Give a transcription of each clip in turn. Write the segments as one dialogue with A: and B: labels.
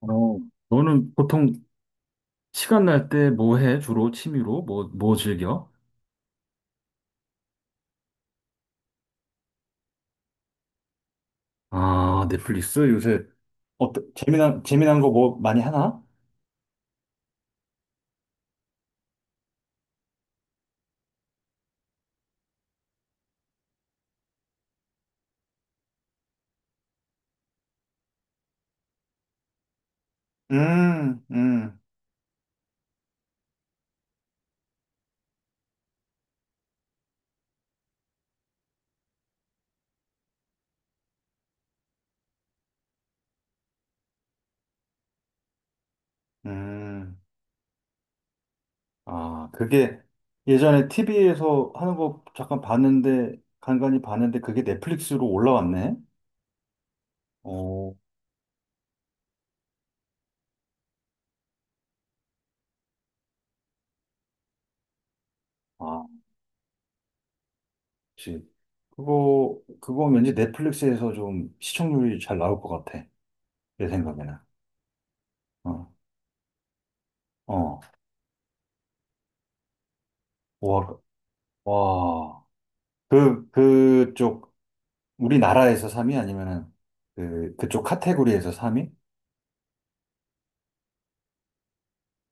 A: 어, 너는 보통 시간 날 때 뭐 해? 주로 취미로? 뭐 즐겨? 아, 넷플릭스? 요새 어때? 재미난 거 뭐 많이 하나? 음, 음, 음. 아, 그게 예전에 TV에서 하는 거 잠깐 봤는데, 간간히 봤는데, 그게 넷플릭스로 올라왔네? 어, 아, 그치. 그거 왠지 넷플릭스에서 좀 시청률이 잘 나올 것 같아. 내 생각에는. 어, 어. 와, 와. 그쪽, 우리나라에서 3위? 아니면은, 그쪽 카테고리에서 3위?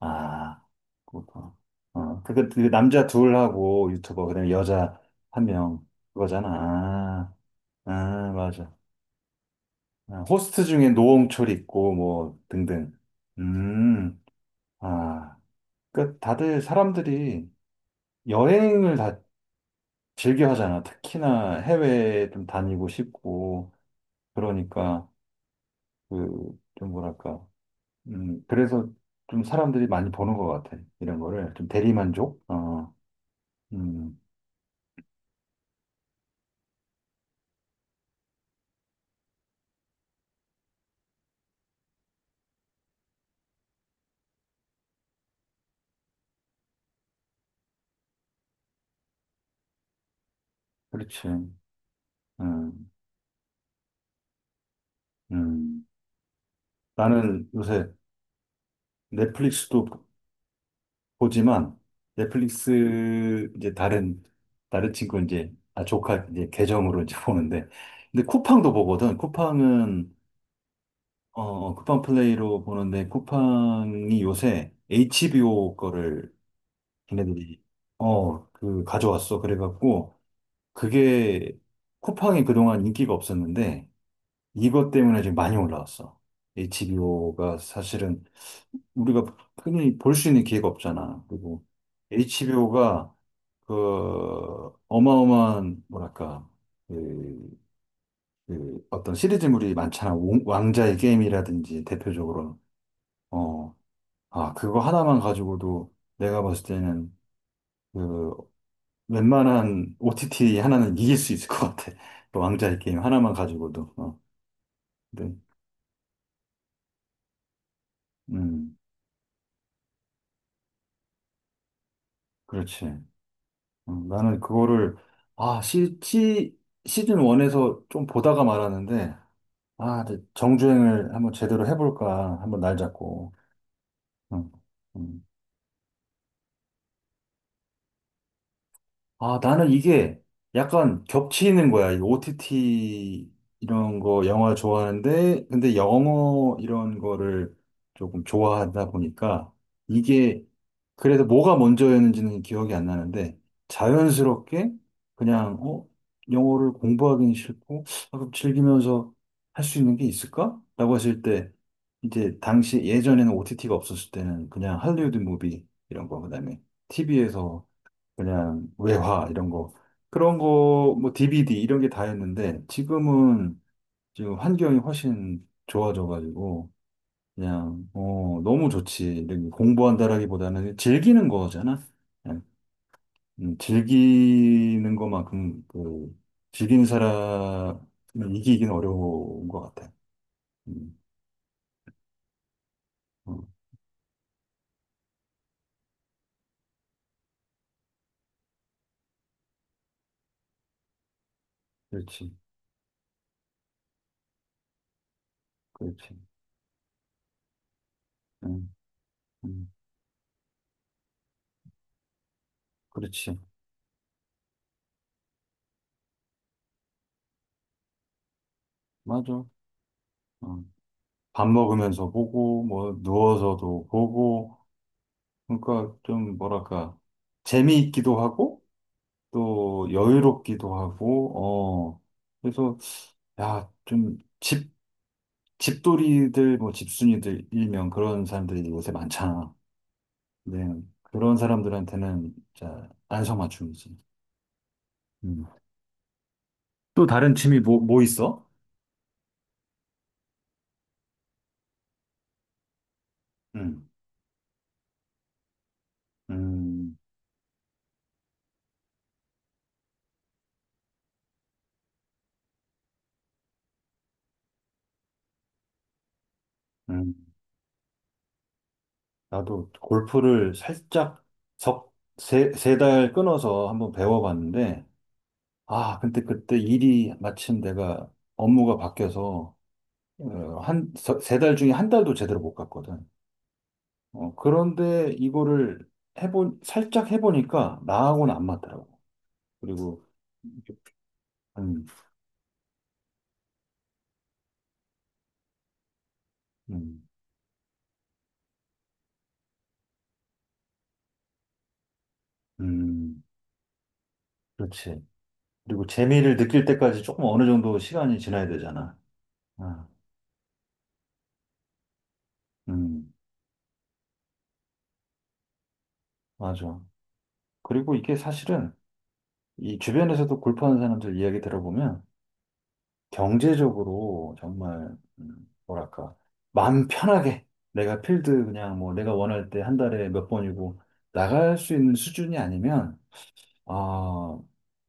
A: 아, 그거. 그 남자 둘하고 유튜버, 그다음에 여자 한 명, 그거잖아. 아, 아, 맞아. 아, 호스트 중에 노홍철 있고, 뭐, 등등. 음, 아. 그, 다들 사람들이 여행을 다 즐겨 하잖아. 특히나 해외에 좀 다니고 싶고, 그러니까, 그, 좀 뭐랄까. 그래서 좀 사람들이 많이 보는 것 같아. 이런 거를. 좀 대리만족? 어, 음, 그렇지. 음, 음. 나는 요새 넷플릭스도 보지만, 넷플릭스 이제 다른 친구 이제, 아, 조카 이제 계정으로 이제 보는데. 근데 쿠팡도 보거든. 쿠팡은, 쿠팡 플레이로 보는데, 쿠팡이 요새 HBO 거를 걔네들이, 가져왔어. 그래갖고, 그게 쿠팡이 그동안 인기가 없었는데 이것 때문에 지금 많이 올라왔어. HBO가 사실은 우리가 흔히 볼 수 있는 기회가 없잖아. 그리고 HBO가 그 어마어마한 뭐랄까 그, 그 어떤 시리즈물이 많잖아. 왕자의 게임이라든지 대표적으로. 어, 그거 하나만 가지고도 내가 봤을 때는 그 웬만한 OTT 하나는 이길 수 있을 것 같아. 그 왕자의 게임 하나만 가지고도. 근데, 음, 그렇지. 나는 그거를, 아, 시즌 1에서 좀 보다가 말았는데, 아, 근데 정주행을 한번 제대로 해볼까. 한번 날 잡고. 어, 음. 아, 나는 이게 약간 겹치는 거야. 이 OTT 이런 거 영화 좋아하는데, 근데 영어 이런 거를 조금 좋아하다 보니까 이게 그래서 뭐가 먼저였는지는 기억이 안 나는데 자연스럽게 그냥 영어를 공부하기는 싫고, 아, 그럼 즐기면서 할 수 있는 게 있을까? 라고 했을 때, 이제 당시 예전에는 OTT가 없었을 때는 그냥 할리우드 무비 이런 거, 그다음에 TV에서 그냥 외화 이런 거, 그런 거 뭐 DVD 이런 게 다였는데 지금은, 지금 환경이 훨씬 좋아져가지고 그냥 너무 좋지. 이렇게 공부한다라기보다는 즐기는 거잖아. 그냥. 즐기는 것만큼 그 즐기는 사람은 이기기는 어려운 것 같아. 음. 어, 그렇지, 그렇지. 음, 음, 그렇지, 맞아. 어, 밥 먹으면서 보고 뭐 누워서도 보고 그러니까, 좀 뭐랄까, 재미있기도 하고 또 여유롭기도 하고, 어. 그래서 야좀집 집돌이들 뭐 집순이들 일명 그런 사람들이 요새 많잖아. 네. 그런 사람들한테는 진짜 안성맞춤이지. 음. 또 다른 취미 뭐 있어? 음, 음, 음. 나도 골프를 살짝 석 세 세 달 끊어서 한번 배워봤는데. 아, 근데 그때 일이 마침 내가 업무가 바뀌어서 한, 세 달 중에 한 달도 제대로 못 갔거든. 어, 그런데 이거를 살짝 해보니까 나하고는 안 맞더라고. 그리고, 음, 음, 음, 그렇지. 그리고 재미를 느낄 때까지 조금 어느 정도 시간이 지나야 되잖아. 아, 음, 맞아. 그리고 이게 사실은 이 주변에서도 골프하는 사람들 이야기 들어보면 경제적으로 정말, 뭐랄까, 마음 편하게 내가 필드 그냥 뭐 내가 원할 때 한 달에 몇 번이고 나갈 수 있는 수준이 아니면 아,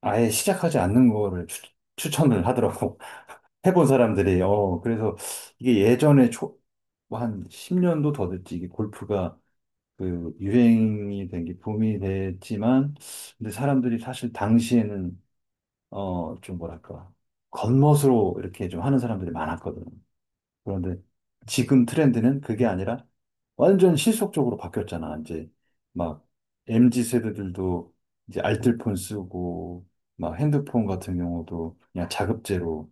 A: 아예 시작하지 않는 거를 추천을 하더라고. 해본 사람들이. 어, 그래서 이게 예전에 초한 10년도 더 됐지. 이게 골프가 그 유행이 된 게 붐이 됐지만, 근데 사람들이 사실 당시에는 어, 좀 뭐랄까, 겉멋으로 이렇게 좀 하는 사람들이 많았거든. 그런데 지금 트렌드는 그게 아니라 완전 실속적으로 바뀌었잖아. 이제 막 MG 세대들도 이제 알뜰폰 쓰고 막 핸드폰 같은 경우도 그냥 자급제로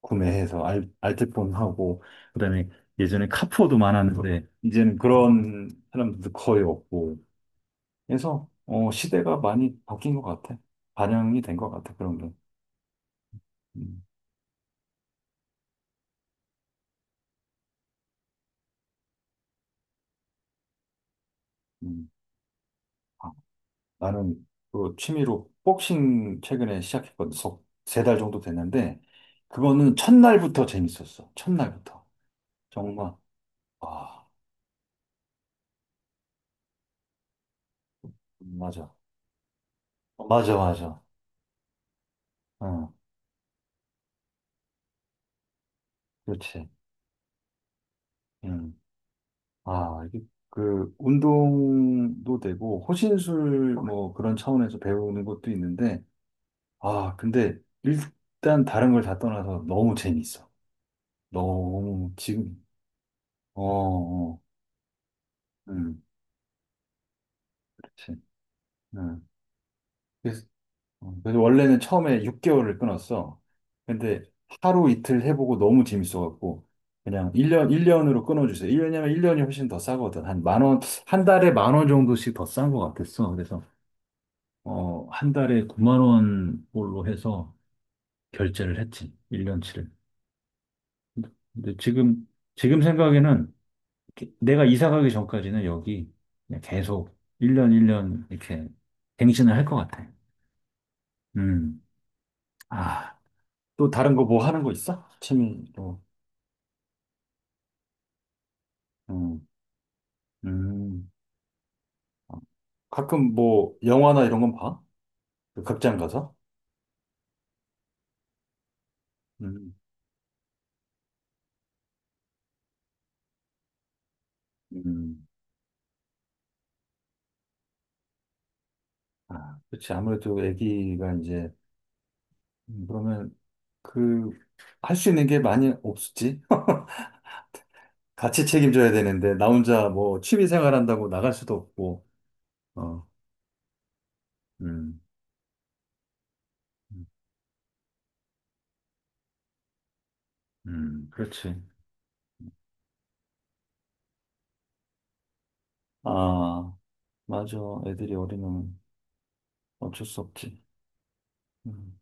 A: 구매해서 알뜰폰 하고 그다음에 예전에 카푸어도 많았는데 이제는 그런 사람들도 거의 없고 그래서 어, 시대가 많이 바뀐 것 같아. 반영이 된 것 같아. 그런 게. 음, 음. 나는 그 취미로 복싱 최근에 시작했거든. 세 달 정도 됐는데, 그거는 첫날부터 재밌었어. 첫날부터. 정말. 아, 맞아. 맞아, 맞아. 응, 그렇지. 응. 아, 이게 그 운동도 되고, 호신술 뭐 그런 차원에서 배우는 것도 있는데, 아, 근데 일단 다른 걸 다 떠나서 너무 재밌어. 너무 지금, 어, 어, 응, 그렇지. 응. 어, 그래서 원래는 처음에 6개월을 끊었어. 근데 하루 이틀 해보고 너무 재밌어갖고 그냥 1년, 1년으로 끊어주세요. 1년이면 1년이 훨씬 더 싸거든. 한 10,000원, 한 달에 10,000원 정도씩 더 싼 것 같았어. 그래서 어, 한 달에 9만 원 꼴로 해서 결제를 했지. 1년치를. 근데 지금 생각에는 내가 이사 가기 전까지는 여기 그냥 계속 1년, 1년 이렇게 갱신을 할 것 같아. 음. 아. 또 다른 거 뭐 하는 거 있어? 취미로. 음, 음. 어. 가끔 뭐 영화나 이런 건 봐? 그 극장 가서? 음, 음. 아, 그렇지. 아무래도 애기가 이제, 그러면 그, 할 수 있는 게 많이 없었지. 같이 책임져야 되는데, 나 혼자 뭐 취미 생활 한다고 나갈 수도 없고, 어, 음, 그렇지. 아, 맞아. 애들이 어리면 어쩔 수 없지. 음,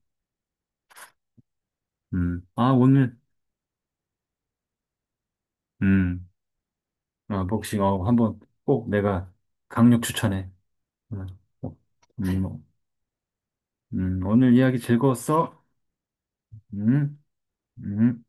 A: 아, 오늘, 음. 복싱, 한번 꼭 내가 강력 추천해. 음, 어, 꼭. 음, 오늘 이야기 즐거웠어? 음, 음.